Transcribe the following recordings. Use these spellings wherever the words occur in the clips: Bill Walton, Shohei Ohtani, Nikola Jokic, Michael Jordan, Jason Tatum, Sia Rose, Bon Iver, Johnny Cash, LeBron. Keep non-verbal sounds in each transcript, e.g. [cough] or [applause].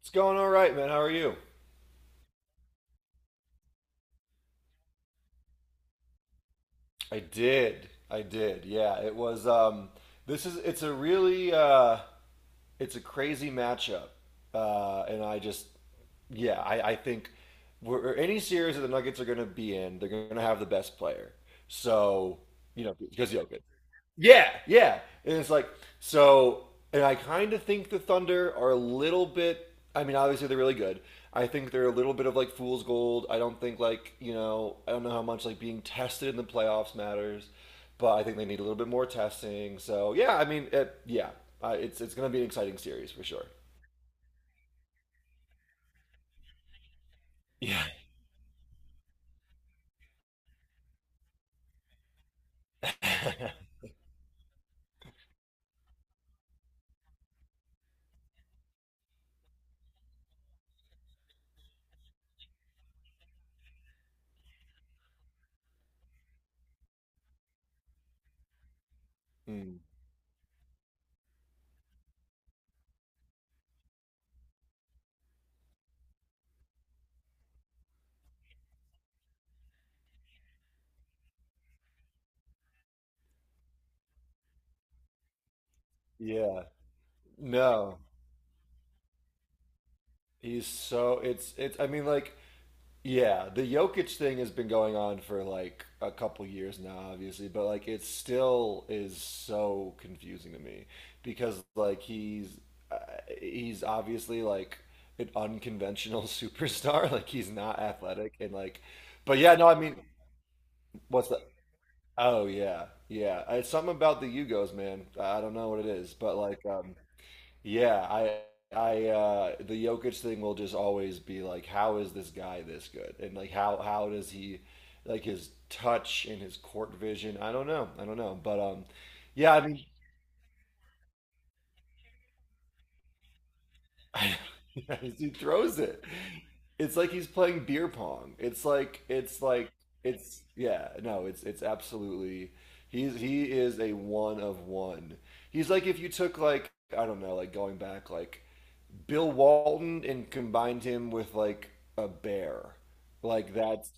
It's going all right, man. How are you? I did. I did. Yeah, it was this is it's a really it's a crazy matchup. And I just yeah, I think any series that the Nuggets are going to be in, they're going to have the best player. So, you know, because Jokic. Yeah, yeah. And it's like so, and I kind of think the Thunder are a little bit. I mean, obviously they're really good. I think they're a little bit of like fool's gold. I don't think like you know I don't know how much like being tested in the playoffs matters, but I think they need a little bit more testing. So yeah, I mean, yeah, it's gonna be an exciting series for sure. Yeah. [laughs] Mm, yeah. No, he's so it's. I mean, like yeah, the Jokic thing has been going on for like a couple years now, obviously, but like it still is so confusing to me because like uh, he's obviously like an unconventional [laughs] superstar. Like he's not athletic and like, but yeah, no, I mean, what's that? Oh yeah, yeah. It's something about the Yugos, man. I don't know what it is, but like, yeah, I the Jokic thing will just always be like how is this guy this good? And like how does he like his touch and his court vision? I don't know. I don't know. But yeah, I mean [laughs] yeah, he throws it. It's like he's playing beer pong. It's yeah, no, it's absolutely he is a one of one. He's like if you took like I don't know, like going back like Bill Walton and combined him with like a bear. Like that's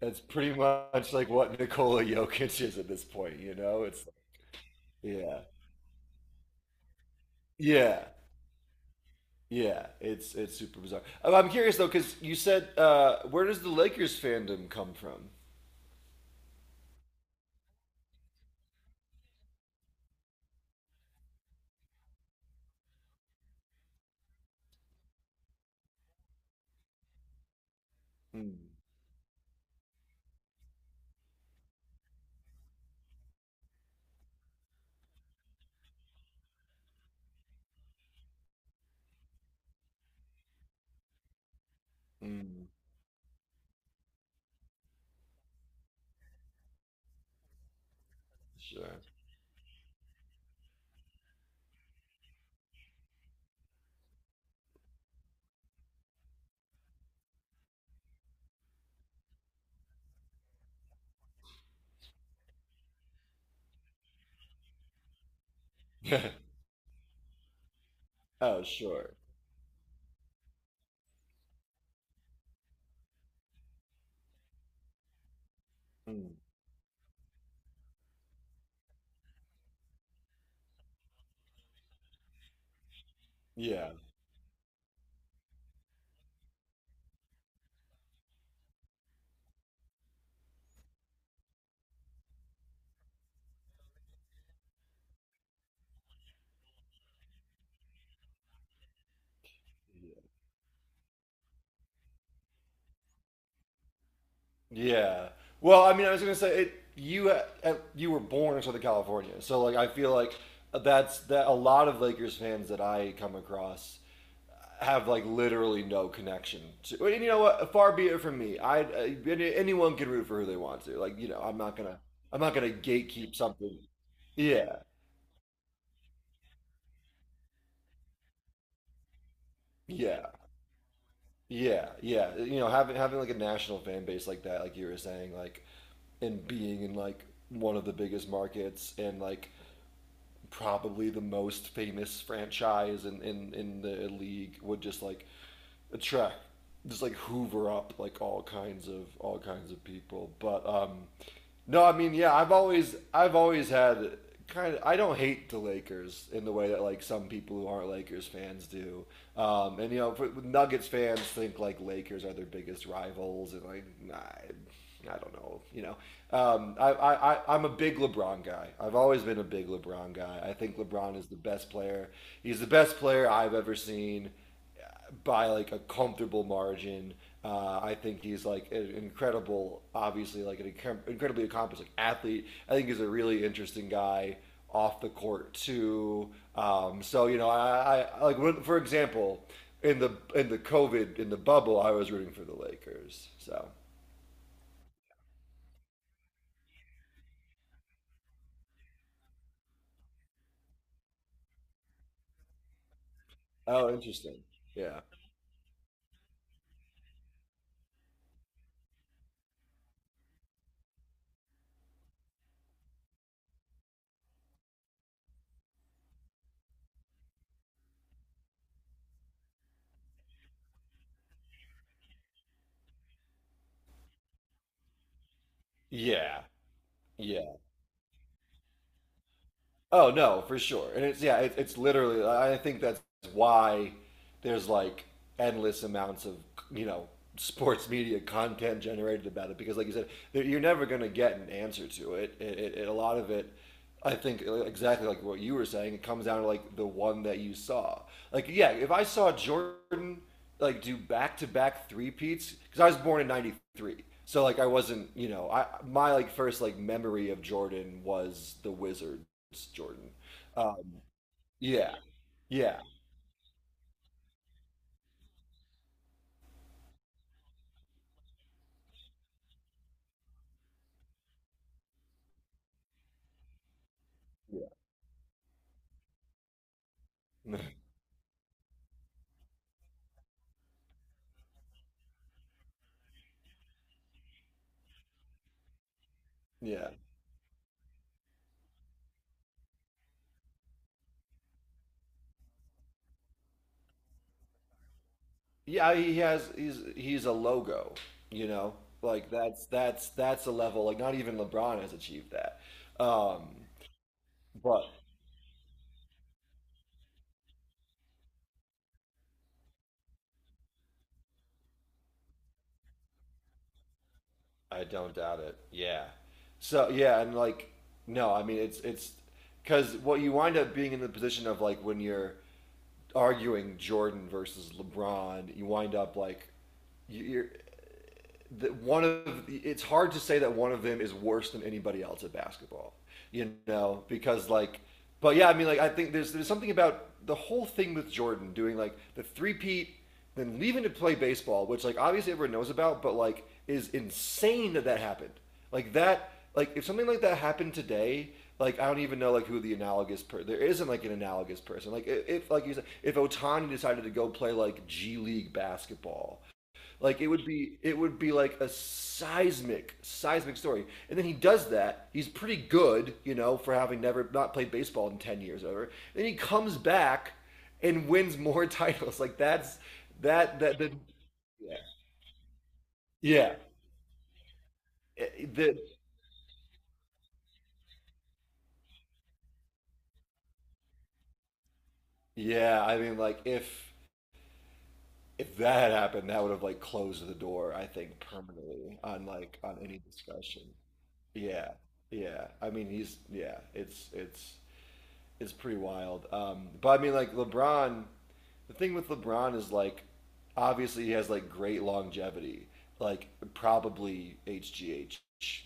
that's pretty much like what Nikola Jokic is at this point, you know? It's yeah. Yeah. Yeah, it's super bizarre. I'm curious though, because you said where does the Lakers fandom come from? Mm, mm, sure. [laughs] Oh, sure. Mm, yeah. Yeah. Well, I mean, I was gonna say it. You you were born in Southern California, so like I feel like that's that. A lot of Lakers fans that I come across have like literally no connection to. And you know what? Far be it from me. Anyone can root for who they want to. Like you know, I'm not gonna gatekeep something. Yeah, yeah, yeah, yeah. You know, having like a national fan base like that, like you were saying, like and being in like one of the biggest markets and like probably the most famous franchise in the league would just like attract just like hoover up like all kinds of people but no, I mean, yeah, I've always had kind of I don't hate the Lakers in the way that like some people who aren't Lakers fans do. And you know, for, Nuggets fans think like Lakers are their biggest rivals, and like I don't know, you know. I'm a big LeBron guy. I've always been a big LeBron guy. I think LeBron is the best player. He's the best player I've ever seen by like a comfortable margin. I think he's like an incredible, obviously like an incredibly accomplished like, athlete. I think he's a really interesting guy off the court too. So you know, I like when, for example, in the COVID in the bubble, I was rooting for the Lakers. So oh, interesting. Yeah, yeah, yeah. Oh no, for sure. And it's yeah, it's literally. I think that's why there's like endless amounts of you know sports media content generated about it because, like you said, you're never going to get an answer to it. A lot of it, I think, like, exactly like what you were saying, it comes down to like the one that you saw. Like yeah, if I saw Jordan like do back to back three peats because I was born in '93. So like I wasn't, you know, I my like first like memory of Jordan was the Wizard it's Jordan. Um, yeah, yeah, yeah, [laughs] yeah, yeah. He has he's a logo, you know, like that's that's a level like not even LeBron has achieved that. Um, but I don't doubt it. Yeah. So yeah, and like no, I mean it's because what you wind up being in the position of like when you're arguing Jordan versus LeBron, you wind up like you- you're that one of it's hard to say that one of them is worse than anybody else at basketball, you know, because like, but yeah, I mean, like I think there's something about the whole thing with Jordan doing like the three peat, then leaving to play baseball, which like obviously everyone knows about, but like is insane that that happened. Like that, like if something like that happened today, like I don't even know like who the analogous per there isn't like an analogous person. Like if, like you said, if Otani decided to go play like G League basketball, like it would be like a seismic, seismic story. And then he does that. He's pretty good, you know, for having never not played baseball in 10 years or whatever. Then he comes back and wins more [laughs] titles. Like that's that that the yeah yeah It- the yeah. I mean, like if that had happened, that would have like closed the door, I think, permanently on like on any discussion. Yeah, yeah. I mean, he's yeah. It's is pretty wild. But I mean, like LeBron, the thing with LeBron is like, obviously he has like great longevity, like probably HGH,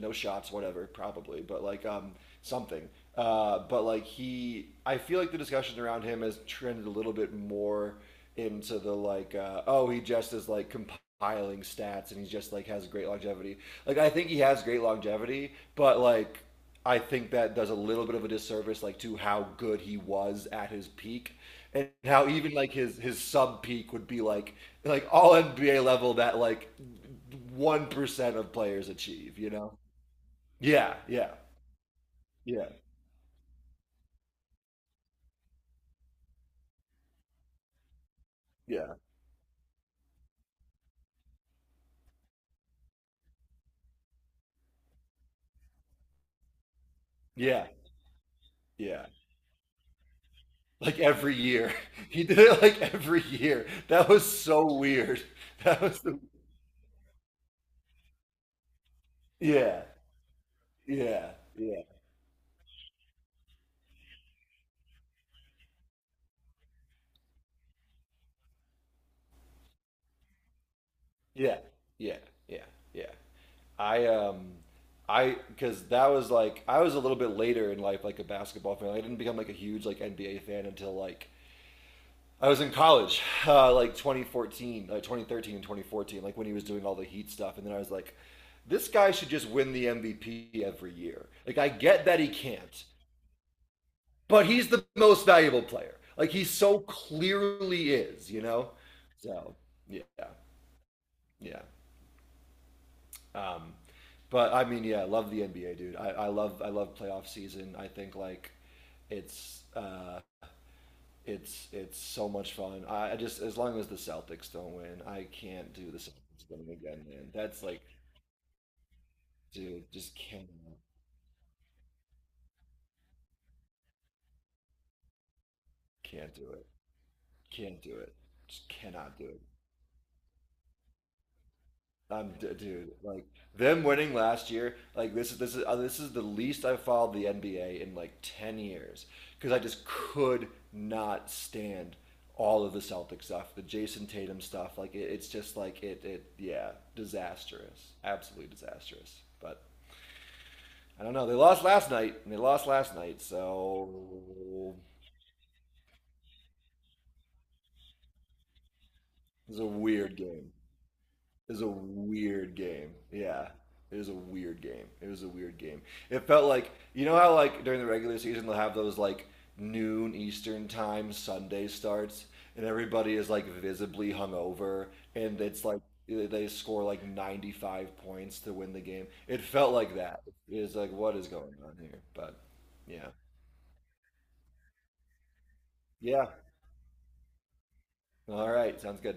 no shots, whatever, probably, but like something. But like he, I feel like the discussion around him has trended a little bit more into the like, oh, he just is like compiling stats and he just like has great longevity. Like I think he has great longevity, but like I think that does a little bit of a disservice, like to how good he was at his peak, and how even like his sub peak would be like all NBA level that like 1% of players achieve. You know? Yeah, yeah, yeah, yeah, yeah, yeah. Like every year, [laughs] he did it like every year. That was so weird. [laughs] That was the yeah, yeah, yeah, yeah, yeah, yeah, yeah. I um I because that was like I was a little bit later in life like a basketball fan. I didn't become like a huge like NBA fan until like I was in college, [laughs] like 2014, like 2013 and 2014, like when he was doing all the Heat stuff, and then I was like, this guy should just win the MVP every year. Like I get that he can't, but he's the most valuable player. Like he so clearly is, you know. So yeah, yeah. Um, but I mean, yeah, I love the NBA, dude. I love playoff season. I think like it's uh, it's so much fun. I just as long as the Celtics don't win, I can't do the Celtics winning again, man. That's like, dude, just can't do it. Can't do it. Just cannot do it. I'm d Dude, like them winning last year, like this is the least I've followed the NBA in like 10 years because I just could not stand all of the Celtic stuff, the Jason Tatum stuff. Like it's just like it yeah, disastrous. Absolutely disastrous. But I don't know. They lost last night and they lost last night, so it was a weird game. It was a weird game. Yeah. It was a weird game. It was a weird game. It felt like you know how like during the regular season they'll have those like noon Eastern time Sunday starts and everybody is like visibly hungover and it's like they score like 95 points to win the game. It felt like that. It was like what is going on here? But yeah. Yeah. All right. Sounds good.